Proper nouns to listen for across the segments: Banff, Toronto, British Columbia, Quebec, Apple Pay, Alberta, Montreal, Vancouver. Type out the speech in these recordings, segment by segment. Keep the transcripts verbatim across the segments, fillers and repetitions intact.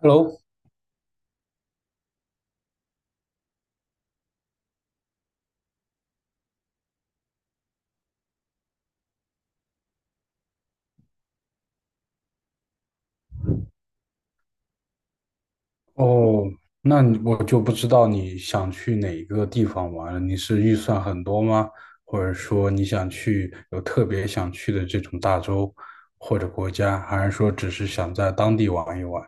Hello，哦，那你我就不知道你想去哪一个地方玩了。你是预算很多吗？或者说你想去有特别想去的这种大洲或者国家，还是说只是想在当地玩一玩？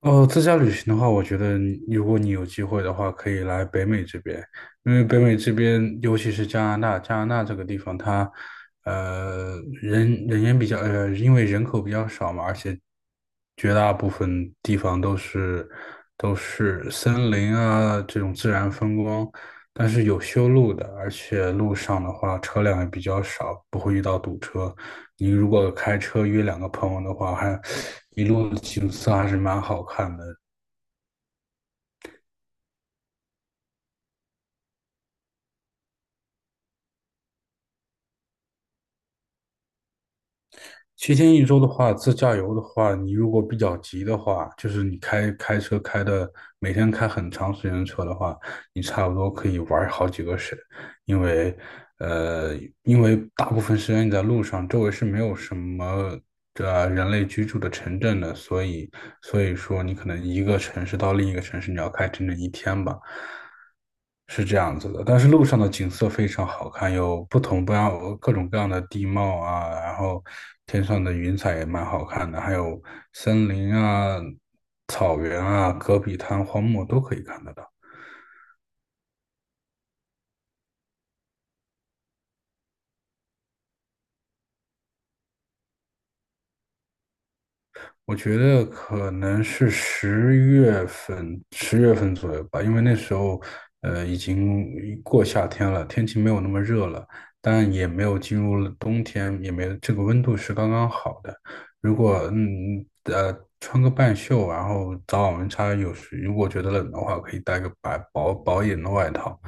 哦，自驾旅行的话，我觉得你如果你有机会的话，可以来北美这边，因为北美这边，尤其是加拿大，加拿大这个地方它，呃，人人烟比较，呃，因为人口比较少嘛，而且绝大部分地方都是都是森林啊这种自然风光，但是有修路的，而且路上的话车辆也比较少，不会遇到堵车。你如果开车约两个朋友的话，还一路的景色还是蛮好看的。七天一周的话，自驾游的话，你如果比较急的话，就是你开开车开的每天开很长时间的车的话，你差不多可以玩好几个省，因为呃，因为大部分时间你在路上，周围是没有什么这人类居住的城镇的，所以所以说你可能一个城市到另一个城市，你要开整整一天吧，是这样子的。但是路上的景色非常好看，有不同不样各种各样的地貌啊，然后天上的云彩也蛮好看的，还有森林啊、草原啊、戈壁滩、荒漠都可以看得到。我觉得可能是十月份，十月份左右吧，因为那时候，呃，已经过夏天了，天气没有那么热了，但也没有进入了冬天，也没有这个温度是刚刚好的。如果嗯呃穿个半袖，然后早晚温差有时如果觉得冷的话，可以带个白薄薄一点的外套。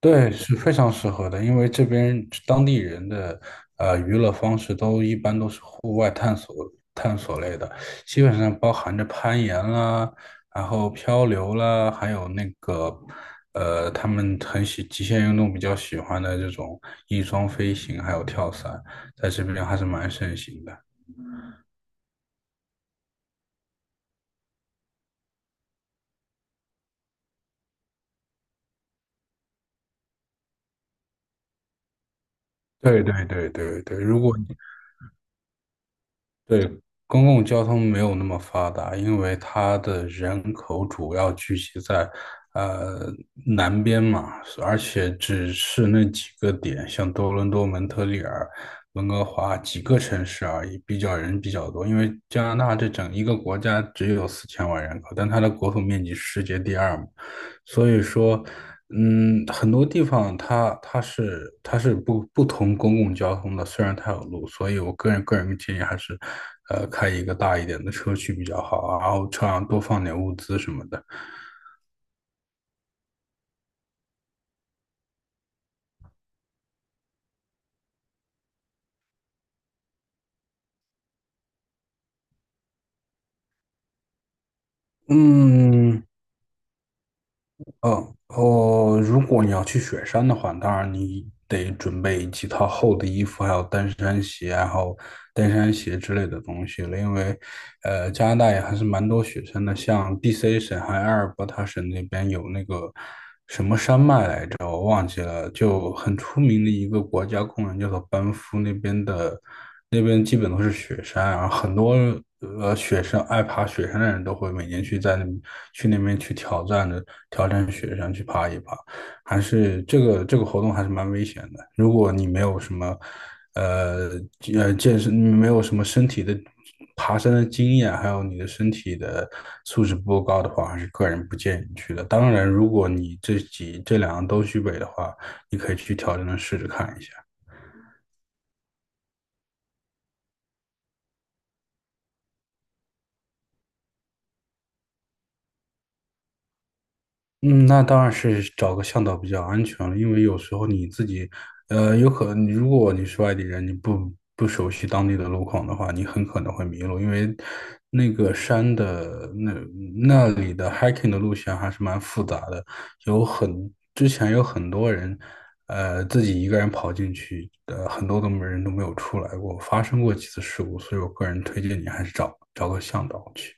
对，是非常适合的，因为这边当地人的呃娱乐方式都一般都是户外探索探索类的，基本上包含着攀岩啦，然后漂流啦，还有那个呃他们很喜极限运动比较喜欢的这种翼装飞行，还有跳伞，在这边还是蛮盛行的。对，对，对，对，对，如果对，公共交通没有那么发达，因为它的人口主要聚集在呃南边嘛，而且只是那几个点，像多伦多、蒙特利尔、温哥华几个城市而已，比较人比较多。因为加拿大这整一个国家只有四千万人口，但它的国土面积是世界第二嘛，所以说。嗯，很多地方它它是它是不不同公共交通的，虽然它有路，所以我个人个人建议还是，呃，开一个大一点的车去比较好啊，然后车上多放点物资什么的。嗯。哦哦，如果你要去雪山的话，当然你得准备几套厚的衣服，还有登山鞋，然后登山鞋之类的东西了，因为呃，加拿大也还是蛮多雪山的，像 D C 省还有阿尔伯塔省那边有那个。叫我忘记了，就很出名的一个国家公园，叫做班夫那边的，那边基本都是雪山，然后很多呃雪山爱爬雪山的人都会每年去在那去那边去挑战的挑战雪山去爬一爬。还是这个这个活动还是蛮危险的。如果你没有什么，呃呃健身，没有什么身体的爬山的经验，还有你的身体的素质不够高的话，还是个人不建议你去的。当然，如果你这几这两样都具备的话，你可以去挑战的试着看一下。嗯，那当然是找个向导比较安全了，因为有时候你自己，呃，有可能如果你是外地人，你不不熟悉当地的路况的话，你很可能会迷路，因为那个山的那那里的 hiking 的路线还是蛮复杂的，有很之前有很多人，呃，自己一个人跑进去，呃，很多都没人都没有出来过，发生过几次事故，所以我个人推荐你还是找找个向导去。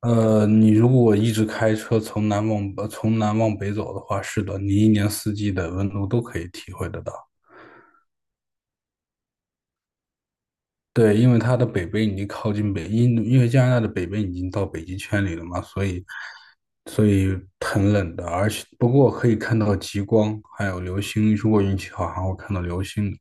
呃，你如果一直开车从南往呃从南往北走的话，是的，你一年四季的温度都可以体会得到。对，因为它的北边已经靠近北，因因为加拿大的北边已经到北极圈里了嘛，所以所以很冷的，而且不过可以看到极光，还有流星，如果运气好还会看到流星的。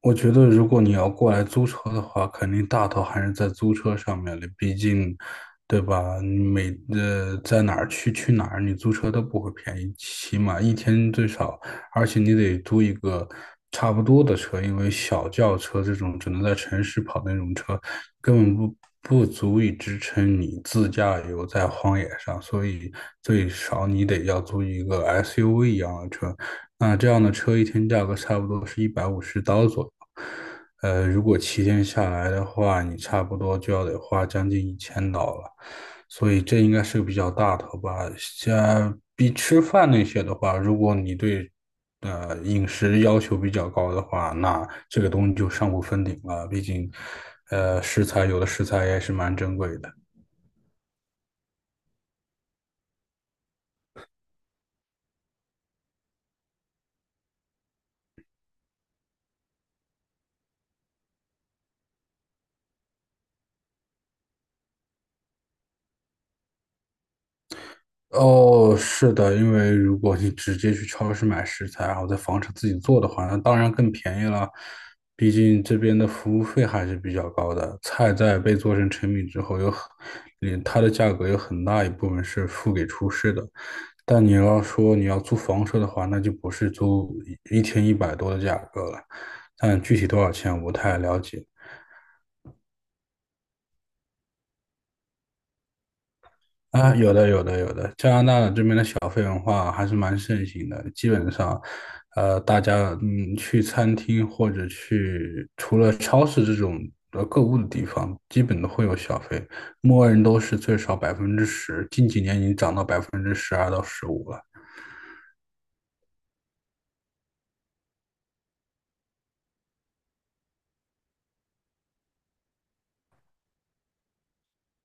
我觉得，如果你要过来租车的话，肯定大头还是在租车上面的，毕竟，对吧？你每呃在哪儿去去哪儿，你租车都不会便宜，起码一天最少，而且你得租一个差不多的车，因为小轿车这种只能在城市跑的那种车，根本不不足以支撑你自驾游在荒野上，所以最少你得要租一个 S U V 一样的车，那这样的车一天价格差不多是一百五十刀左右。呃，如果七天下来的话，你差不多就要得花将近一千刀了，所以这应该是个比较大头吧。像比吃饭那些的话，如果你对呃饮食要求比较高的话，那这个东西就上不封顶了。毕竟，呃，食材有的食材也是蛮珍贵的。哦，是的，因为如果你直接去超市买食材，然后在房车自己做的话，那当然更便宜了。毕竟这边的服务费还是比较高的，菜在被做成成品之后，有很，嗯它的价格有很大一部分是付给厨师的。但你要说你要租房车的话，那就不是租一一天一百多的价格了。但具体多少钱我不太了解。啊，有的，有的，有的。加拿大这边的小费文化还是蛮盛行的，基本上，呃，大家嗯去餐厅或者去除了超市这种呃购物的地方，基本都会有小费，默认都是最少百分之十，近几年已经涨到百分之十二到十五了。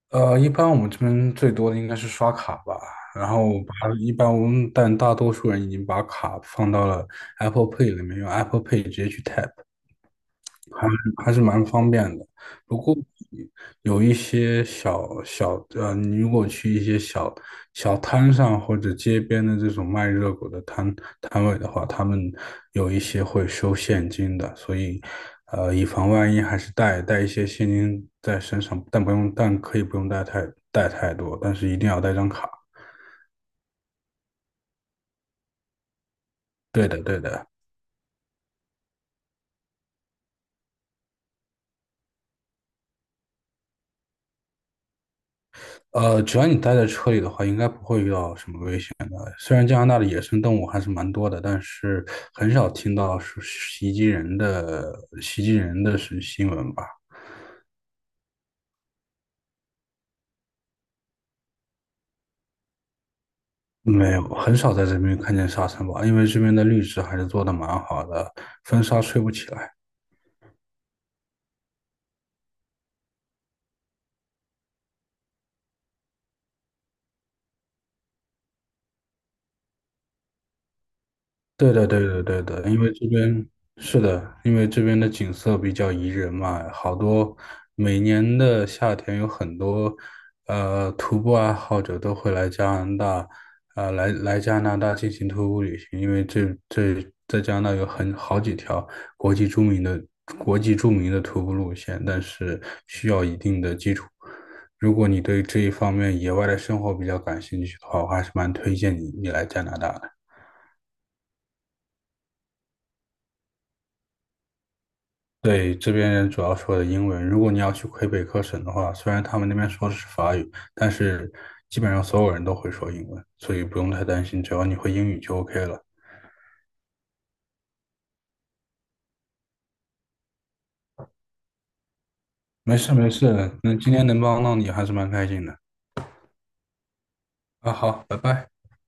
呃，一般我们这边最多的应该是刷卡吧，然后把一般我们但大多数人已经把卡放到了 Apple Pay 里面，用 Apple Pay 直接去 tap。还还是蛮方便的。不过有一些小小呃，你如果去一些小小摊上或者街边的这种卖热狗的摊摊位的话，他们有一些会收现金的，所以呃，以防万一，还是带带一些现金在身上，但不用，但可以不用带太带太多，但是一定要带张卡。对的，对的。呃，只要你待在车里的话，应该不会遇到什么危险的。虽然加拿大的野生动物还是蛮多的，但是很少听到是袭击人的袭击人的是新闻吧？没有，很少在这边看见沙尘暴，因为这边的绿植还是做的蛮好的，风沙吹不起来。对的，对的，对的，因为这边是的，因为这边的景色比较宜人嘛，好多每年的夏天有很多呃徒步爱好者都会来加拿大，呃来来加拿大进行徒步旅行，因为这这在加拿大有很好几条国际著名的国际著名的徒步路线，但是需要一定的基础。如果你对这一方面野外的生活比较感兴趣的话，我还是蛮推荐你你来加拿大的。对，这边人主要说的英文。如果你要去魁北克省的话，虽然他们那边说的是法语，但是基本上所有人都会说英文，所以不用太担心，只要你会英语就 OK 了。没事，没事，那今天能帮到你还是蛮开心的。啊，好，拜拜。